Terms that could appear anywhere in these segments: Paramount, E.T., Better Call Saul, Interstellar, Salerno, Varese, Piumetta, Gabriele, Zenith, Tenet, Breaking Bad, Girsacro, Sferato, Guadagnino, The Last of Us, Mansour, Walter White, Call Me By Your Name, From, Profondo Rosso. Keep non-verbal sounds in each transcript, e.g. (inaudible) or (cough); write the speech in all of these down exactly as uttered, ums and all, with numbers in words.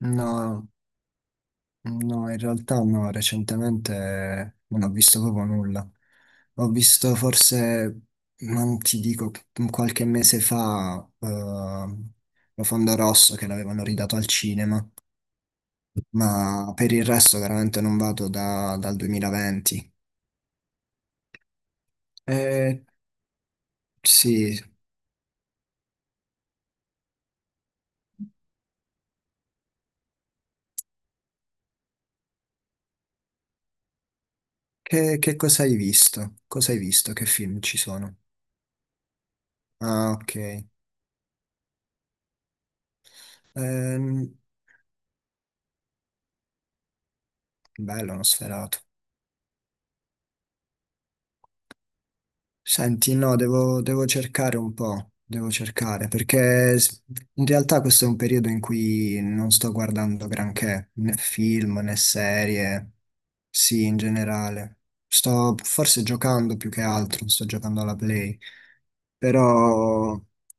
No, no, in realtà no, recentemente non ho visto proprio nulla. Ho visto forse, non ti dico, qualche mese fa, eh, Profondo Rosso che l'avevano ridato al cinema, ma per il resto veramente non vado da- dal duemilaventi. Eh, sì, che, che cosa hai visto? Cosa hai visto? Che film ci sono? Ah, ok. Ehm, bello, uno sferato. Senti, no, devo, devo cercare un po', devo cercare, perché s- in realtà questo è un periodo in cui non sto guardando granché, né film né serie, sì, in generale. Sto forse giocando più che altro, sto giocando alla Play, però in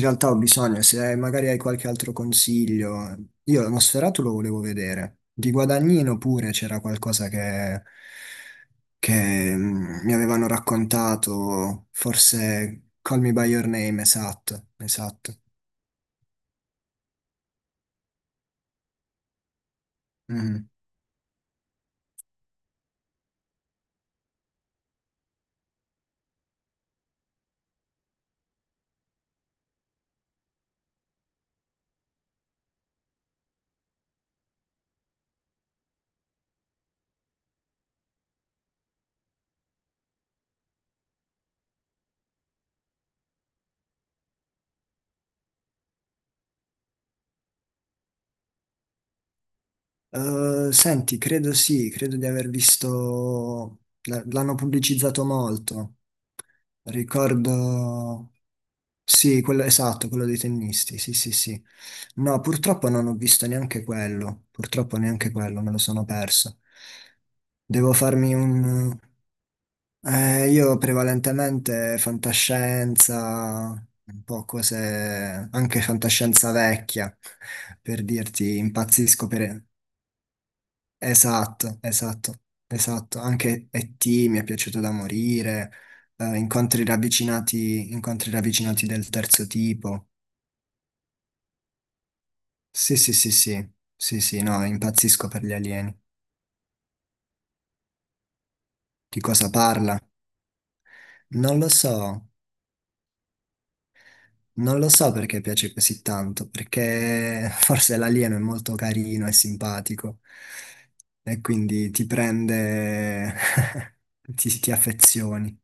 realtà ho bisogno, se hai- magari hai qualche altro consiglio. Io lo Sferato lo volevo vedere. Di Guadagnino pure c'era qualcosa che, che mm, mi avevano raccontato, forse Call Me By Your Name, esatto, esatto. Mhm. Eh, senti, credo sì, credo di aver visto, l- l'hanno pubblicizzato molto. Ricordo sì, quello, esatto, quello dei tennisti, sì, sì, sì. No, purtroppo non ho visto neanche quello, purtroppo neanche quello, me lo sono perso. Devo farmi un... eh, io prevalentemente fantascienza, un po' cose, anche fantascienza vecchia, per dirti, impazzisco per... Esatto, esatto, esatto. Anche i ti mi è piaciuto da morire, eh, incontri ravvicinati, incontri ravvicinati del terzo tipo. Sì, sì, sì, sì, sì, sì, no, impazzisco per gli alieni. Di cosa parla? Non lo so, non lo so perché piace così tanto, perché (laughs) forse l'alieno è molto carino e simpatico e quindi ti prende, (laughs) ti, ti affezioni.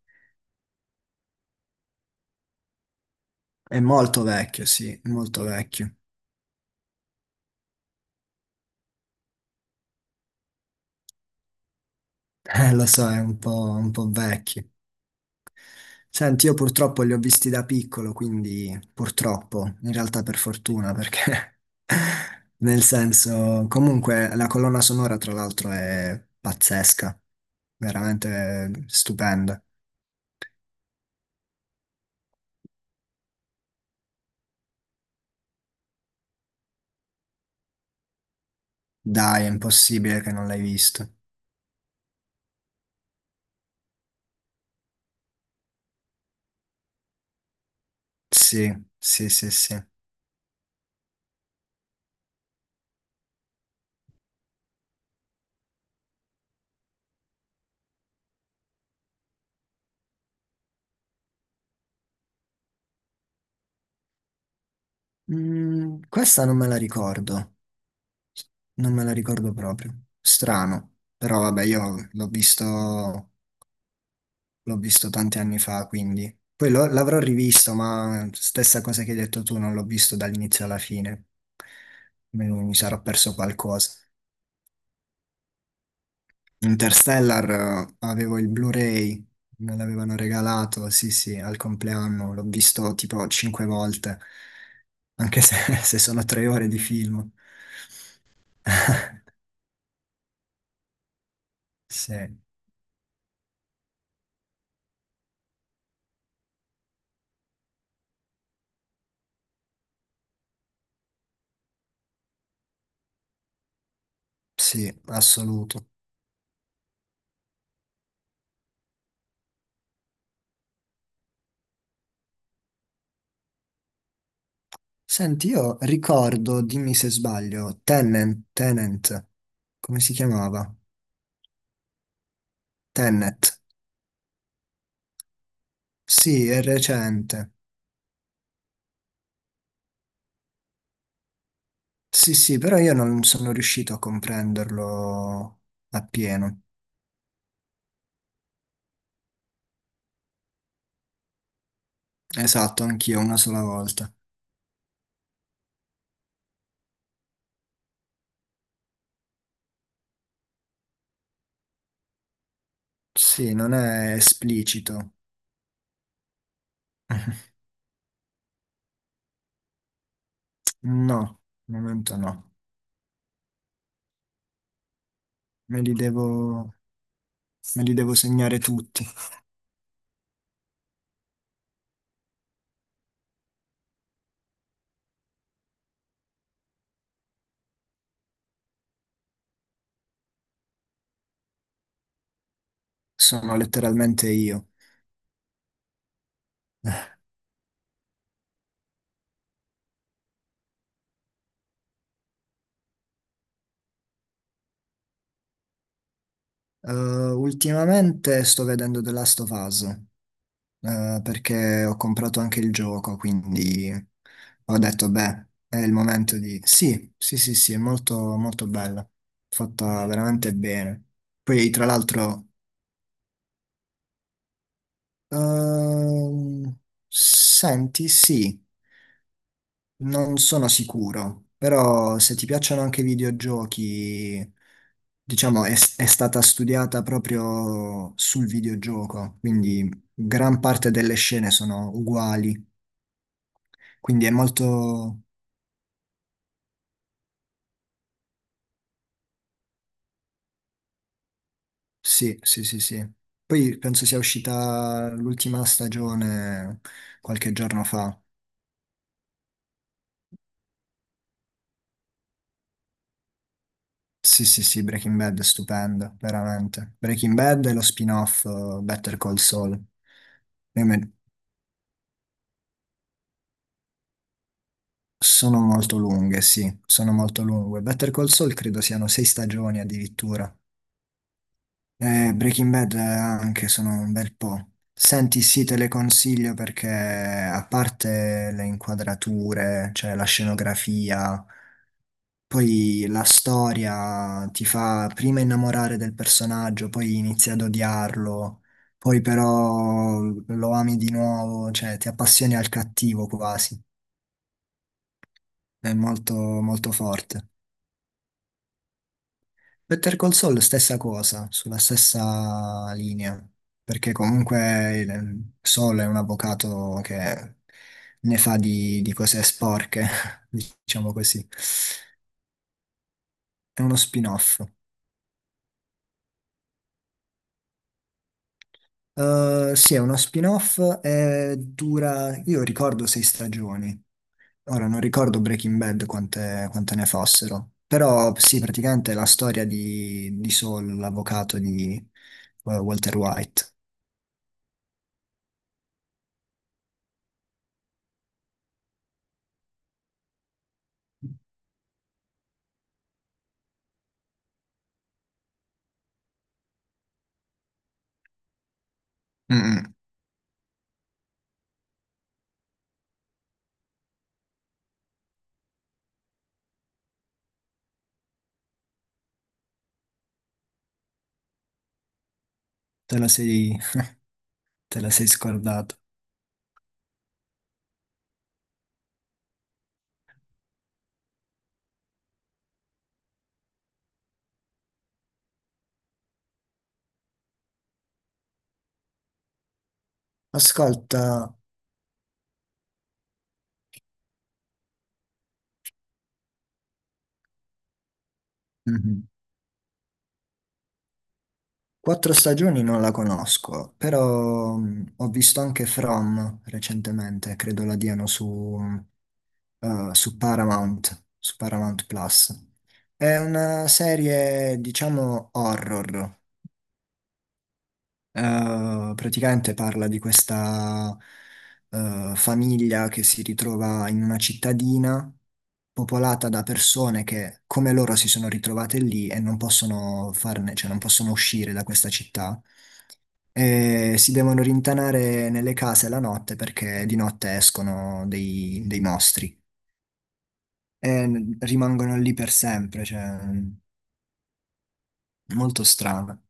È molto vecchio, sì, molto vecchio. (laughs) Eh, lo so, è un po', un po' vecchio. Senti, io purtroppo li ho visti da piccolo, quindi purtroppo, in realtà per fortuna, perché (laughs) nel senso, comunque la colonna sonora tra l'altro è pazzesca, veramente stupenda. Dai, è impossibile che non l'hai visto. Sì, sì, sì, sì. Mm, questa non me la ricordo, non me la ricordo proprio. Strano, però vabbè, io l'ho visto L'ho visto tanti anni fa, quindi. Poi lo- l'avrò rivisto, ma stessa cosa che hai detto tu, non l'ho visto dall'inizio alla fine. Mi, mi sarò perso qualcosa. Interstellar, eh, avevo il Blu-ray, me l'avevano regalato, sì, sì, al compleanno, l'ho visto tipo cinque volte, anche se, (laughs) se sono tre ore di film. Sì, sì, assoluto. Senti, io ricordo, dimmi se sbaglio, Tenet, Tenet, come si chiamava? Tenet, sì, è recente. Sì, sì, però io non sono riuscito a comprenderlo appieno. Esatto, anch'io una sola volta. Sì, non è esplicito. (laughs) No, al momento no. Me li devo, me li devo segnare tutti. Sono letteralmente io. Eh, ultimamente sto vedendo The Last of Us. Eh, perché ho comprato anche il gioco, quindi ho detto, beh, è il momento di... Sì, sì, sì, sì, è molto, molto bella, fatta veramente bene. Poi, tra l'altro, ehm, senti, sì, non sono sicuro, però se ti piacciono anche i videogiochi, diciamo, è è stata studiata proprio sul videogioco, quindi gran parte delle scene sono uguali. Quindi è molto, sì, sì, sì, sì. Poi penso sia uscita l'ultima stagione qualche giorno fa. Sì, sì, sì, Breaking Bad è stupendo, veramente. Breaking Bad e lo spin-off, eh, Better Call Saul. Io me- Sono molto lunghe, sì, sono molto lunghe. Better Call Saul credo siano sei stagioni addirittura. Eh, Breaking Bad, eh, anche sono un bel po'. Senti, sì, te le consiglio perché a parte le inquadrature, cioè la scenografia. Poi la storia ti fa prima innamorare del personaggio, poi inizi ad odiarlo, poi però lo ami di nuovo, cioè ti appassioni al cattivo quasi. È molto, molto forte. Better Call Saul, stessa cosa, sulla stessa linea, perché comunque il- Saul è un avvocato che ne fa di, di cose sporche, (laughs) diciamo così. È uno spin-off. Uh, sì, è uno spin-off, eh, dura, io ricordo sei stagioni, ora non ricordo Breaking Bad quante, quante ne fossero, però sì, praticamente è la storia di, di Saul, l'avvocato di, eh, Walter White. Mm, mm, Te la sei, te la sei scordato. Ascolta, mhm, quattro stagioni non la conosco, però mm, ho visto anche From recentemente, credo la diano su... Eh, su Paramount, su Paramount Plus. È una serie, diciamo, horror. Eh, praticamente parla di questa, eh, famiglia che si ritrova in una cittadina popolata da persone che, come loro, si sono ritrovate lì e non possono farne, cioè non possono uscire da questa città. E si devono rintanare nelle case la notte perché di notte escono dei dei mostri. E rimangono lì per sempre, cioè molto strana.